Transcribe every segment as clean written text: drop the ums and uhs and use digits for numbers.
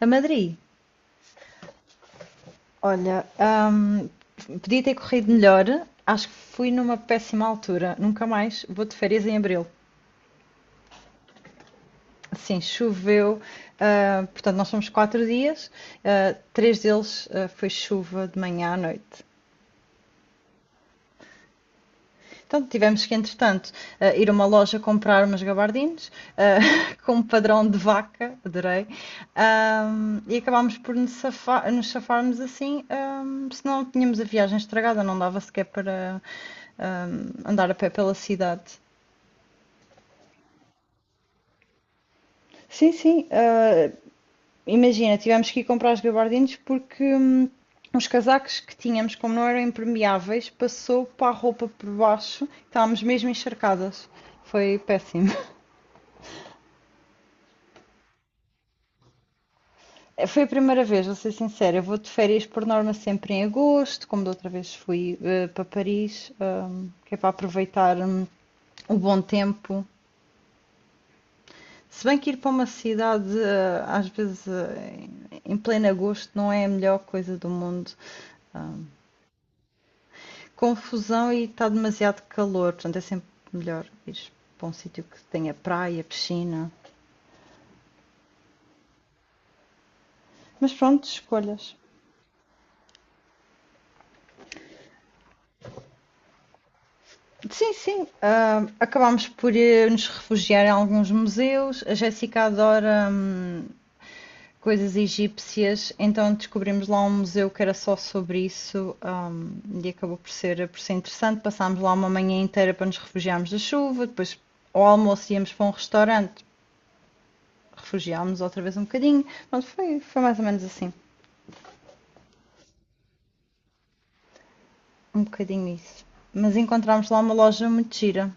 A Madrid, olha, hum, podia ter corrido melhor. Acho que fui numa péssima altura. Nunca mais vou de férias em abril. Sim, choveu. Portanto, nós fomos quatro dias. Três deles foi chuva de manhã à noite. Então, tivemos que, entretanto, ir a uma loja comprar umas gabardines ah, com um padrão de vaca, adorei. E acabámos por nos safarmos assim, senão tínhamos a viagem estragada, não dava sequer para andar a pé pela cidade. Sim, sim. Imagina, tivemos que ir comprar os gabardines porque os casacos que tínhamos, como não eram impermeáveis, passou para a roupa por baixo. Estávamos mesmo encharcadas. Foi péssimo. Foi a primeira vez, vou ser sincera. Eu vou de férias por norma sempre em agosto, como da outra vez fui para Paris, que é para aproveitar o bom tempo. Se bem que ir para uma cidade, às vezes, em pleno agosto, não é a melhor coisa do mundo. Ah, Confusão e está demasiado calor, portanto, é sempre melhor ir para um sítio que tenha praia, piscina. Mas pronto, escolhas. Sim, sim. Acabámos por nos refugiar em alguns museus. A Jéssica adora coisas egípcias, então descobrimos lá um museu que era só sobre isso, e acabou por por ser interessante. Passámos lá uma manhã inteira para nos refugiarmos da chuva, depois ao almoço íamos para um restaurante, refugiámos outra vez um bocadinho. Pronto, foi mais ou menos assim, um bocadinho isso. Mas encontramos lá uma loja muito gira.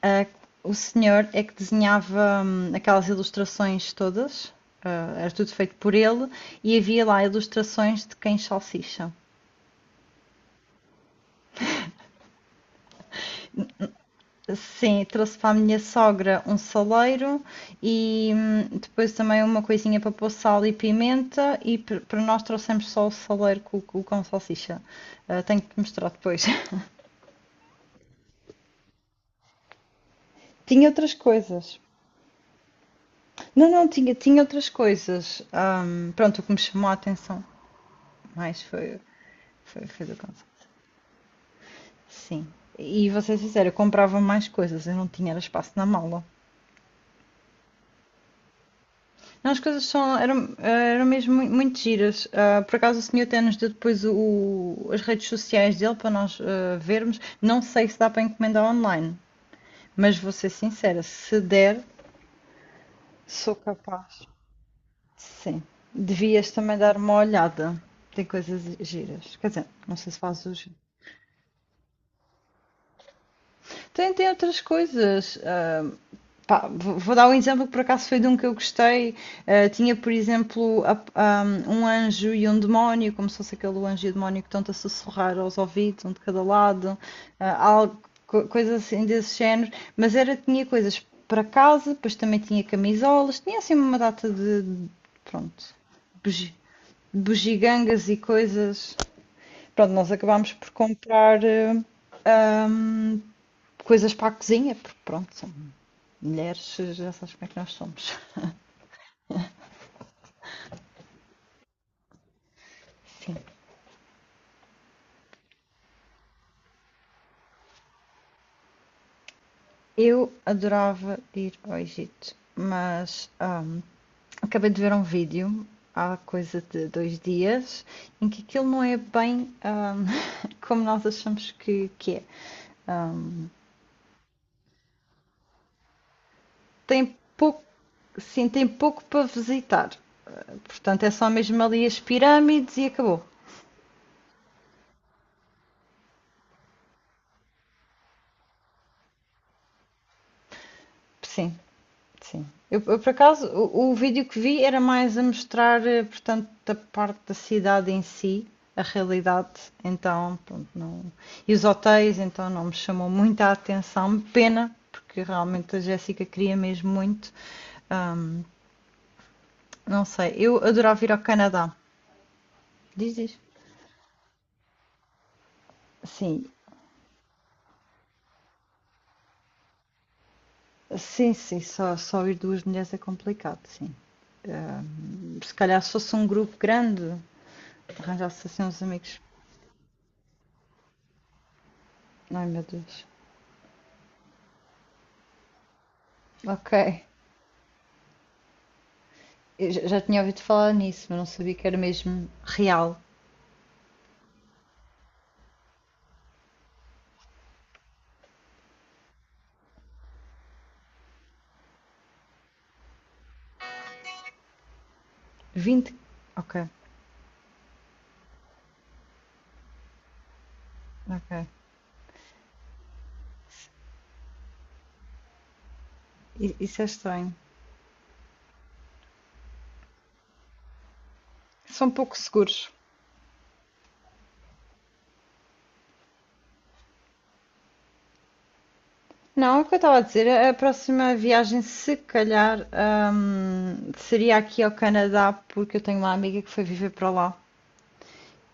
Ah, o senhor é que desenhava, aquelas ilustrações todas, era tudo feito por ele, e havia lá ilustrações de cães salsicha. Sim, trouxe para a minha sogra um saleiro e, depois também uma coisinha para pôr sal e pimenta e para nós trouxemos só o saleiro com salsicha. Ah, tenho que te mostrar depois. Tinha outras coisas. Não, não, tinha outras coisas. Pronto, o que me chamou a atenção mais foi do caso. Sim. E vocês fizeram, eu comprava mais coisas, eu não tinha era espaço na mala. Não, as coisas eram, eram mesmo muito, muito giras. Ah, por acaso o senhor até nos deu depois as redes sociais dele para nós vermos. Não sei se dá para encomendar online, mas vou ser sincera, se der, sou capaz. Sim. Devias também dar uma olhada. Tem coisas giras. Quer dizer, não sei se fazes. Tem, tem outras coisas. Pá, vou dar um exemplo que por acaso foi de um que eu gostei. Eh, tinha, por exemplo, um anjo e um demónio, como se fosse aquele anjo e o demónio que estão-te a sussurrar aos ouvidos, um de cada lado, ah, algo, coisas assim desse género. Mas era, tinha coisas para casa, depois também tinha camisolas, tinha assim uma data pronto, bugi- bugigangas e coisas. Pronto, nós acabámos por comprar ahm, coisas para a cozinha, porque pronto, mulheres já sabes como é que nós somos. Sim. Eu adorava ir ao Egito, mas acabei de ver um vídeo há coisa de dois dias em que aquilo não é bem, como nós achamos que é. Hum, Tem pouco, sim, tem pouco para visitar. Portanto, é só mesmo ali as pirâmides e acabou. Sim, sim. Eu por acaso, o vídeo que vi era mais a mostrar, portanto, a parte da cidade em si, a realidade, então, pronto, não. E os hotéis, então, não me chamou muita atenção. Pena, porque realmente a Jéssica queria mesmo muito. Ahm, não sei, eu adorava ir ao Canadá. Diz, diz. Sim, sim, sim, só ir duas mulheres é complicado, sim. Se calhar se fosse um grupo grande, arranjasse assim uns amigos. Ai, meu Deus. Ok. Eu já tinha ouvido falar nisso, mas não sabia que era mesmo real. Vinte. Ok, ok. Isso é estranho. São pouco seguros. Não, é o que eu estava a dizer, a próxima viagem, se calhar, seria aqui ao Canadá, porque eu tenho uma amiga que foi viver para lá.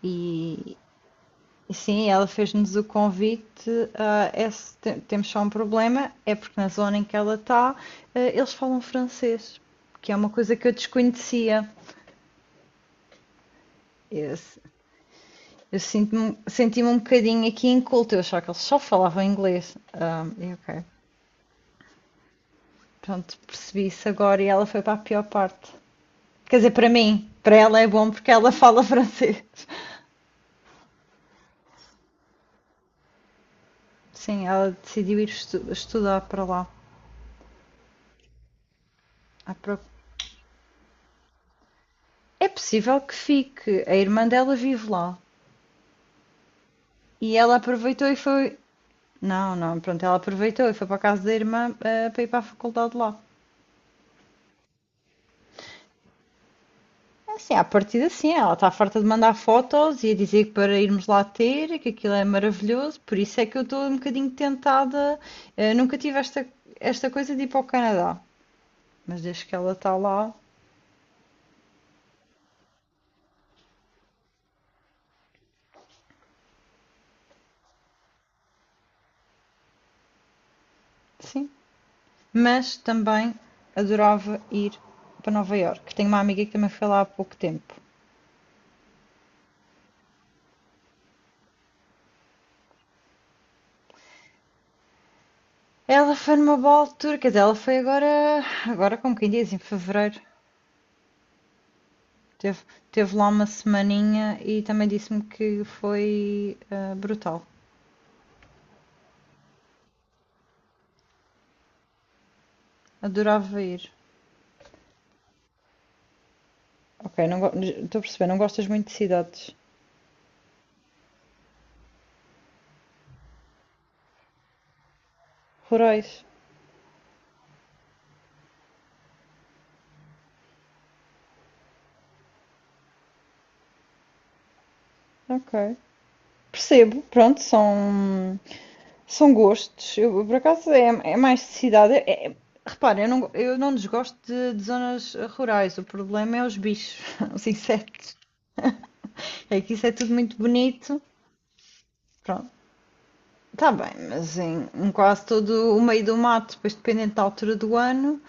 E, e sim, ela fez-nos o convite. É se te- temos só um problema, é porque na zona em que ela está, eles falam francês, que é uma coisa que eu desconhecia. Eu senti-me um bocadinho aqui inculta, eu achava que eles só falavam inglês. Ah, e ok, pronto, percebi isso agora e ela foi para a pior parte. Quer dizer, para mim, para ela é bom porque ela fala francês. Sim, ela decidiu estudar para lá. à pro- É possível que fique, a irmã dela vive lá. E ela aproveitou e foi. Não, não, pronto, ela aproveitou e foi para a casa da irmã, para ir para a faculdade lá. É assim, à partida sim, ela está farta de mandar fotos e a dizer que para irmos lá ter, que aquilo é maravilhoso, por isso é que eu estou um bocadinho tentada. Nunca tive esta, esta coisa de ir para o Canadá, mas desde que ela está lá, sim. Mas também adorava ir para Nova Iorque. Tenho uma amiga que também foi lá há pouco tempo. Ela foi numa boa altura, quer dizer, ela foi agora, agora como quem diz, em fevereiro. Teve, teve lá uma semaninha e também disse-me que foi brutal. Adorava ir. Ok, não go- estou a perceber, não gostas muito de cidades rurais. Ok. Percebo, pronto, são gostos. Eu, por acaso é mais de cidade. Repara, eu não desgosto de zonas rurais. O problema é os bichos, os insetos. É que isso é tudo muito bonito. Pronto, está bem, mas em, em quase todo o meio do mato, depois dependendo da altura do ano,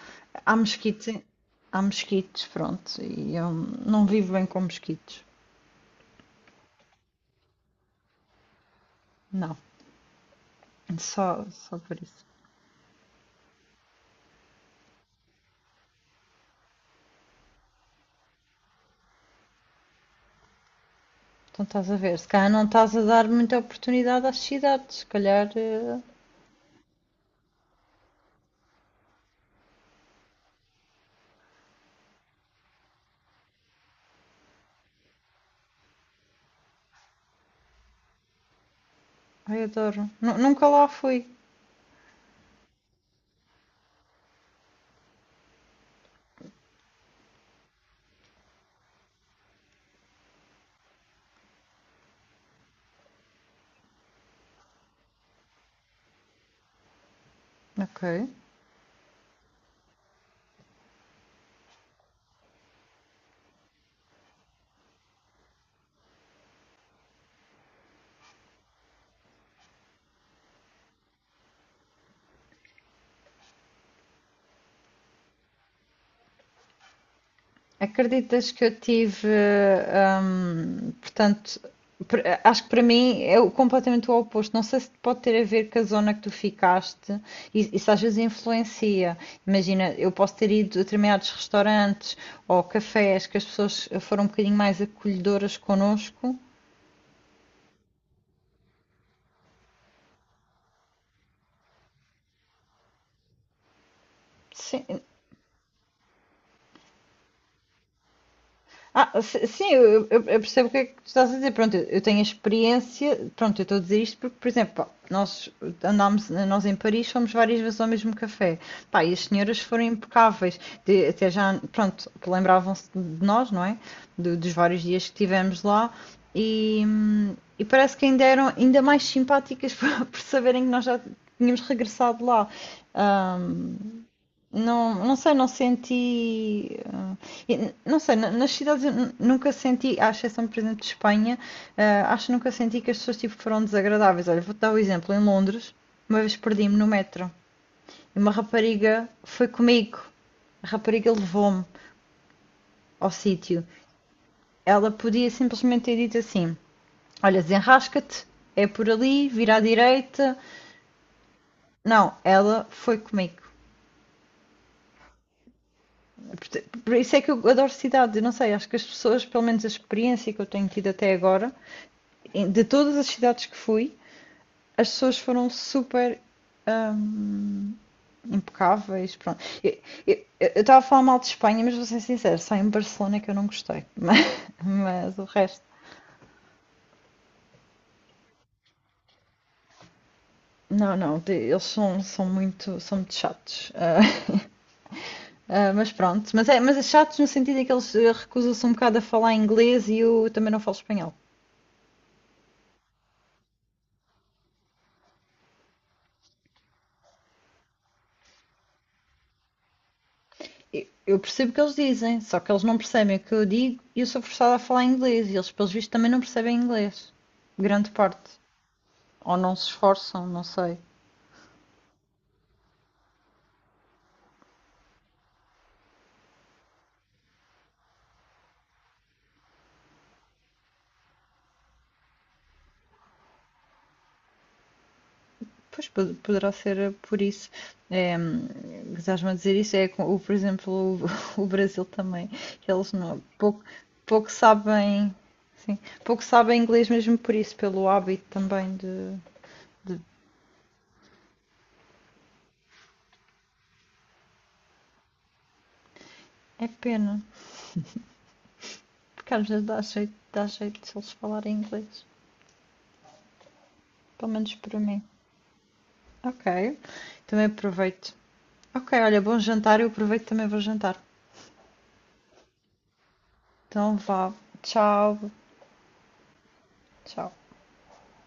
há mosquitos. Há mosquitos, pronto. E eu não vivo bem com mosquitos. Não. Só, só por isso. Então estás a ver, se calhar não estás a dar muita oportunidade às cidades, se calhar. Ai, adoro. Nunca lá fui. Ok. Acreditas que eu tive. Portanto, acho que para mim é completamente o oposto. Não sei se pode ter a ver com a zona que tu ficaste, e isso às vezes influencia. Imagina, eu posso ter ido a determinados restaurantes ou cafés que as pessoas foram um bocadinho mais acolhedoras connosco. Sim. Sim, eu percebo o que é que tu estás a dizer. Pronto, eu tenho a experiência. Pronto, eu estou a dizer isto porque, por exemplo, pá, nós andámos, nós em Paris fomos várias vezes ao mesmo café. Pá, e as senhoras foram impecáveis. Até já, pronto, que lembravam-se de nós, não é? Dos vários dias que tivemos lá. E, hum, e parece que ainda eram ainda mais simpáticas por saberem que nós já tínhamos regressado lá. Ahm, não, não sei, não senti. Não sei, nas cidades eu nunca senti, à exceção, por exemplo, de Espanha, acho que nunca senti que as pessoas tipo, foram desagradáveis. Olha, vou-te dar o exemplo. Em Londres, uma vez perdi-me no metro e uma rapariga foi comigo. A rapariga levou-me ao sítio. Ela podia simplesmente ter dito assim: Olha, desenrasca-te, é por ali, vira à direita. Não, ela foi comigo. Por isso é que eu adoro cidades. Eu não sei, acho que as pessoas, pelo menos a experiência que eu tenho tido até agora, de todas as cidades que fui, as pessoas foram super hum, impecáveis. Pronto. Eu estava a falar mal de Espanha, mas vou ser sincera, só em Barcelona é que eu não gostei. Mas o resto. Não, não, eles são muito chatos. Ah, ah, mas pronto, mas é chatos no sentido em que eles recusam-se um bocado a falar inglês e eu também não falo espanhol. Eu percebo o que eles dizem, só que eles não percebem o que eu digo e eu sou forçada a falar inglês e eles, pelos vistos, também não percebem inglês. Grande parte. Ou não se esforçam, não sei. Pois poderá ser, por isso. É, estás-me a dizer isso? É, por exemplo, o Brasil também. Eles não, pouco, pouco sabem, sim, pouco sabem inglês mesmo por isso, pelo hábito também de- é pena, porque às vezes dá jeito se eles falarem inglês. Pelo menos para mim. Ok, também aproveito. Ok, olha, bom jantar. Eu aproveito também vou jantar. Então vá. Tchau. Tchau.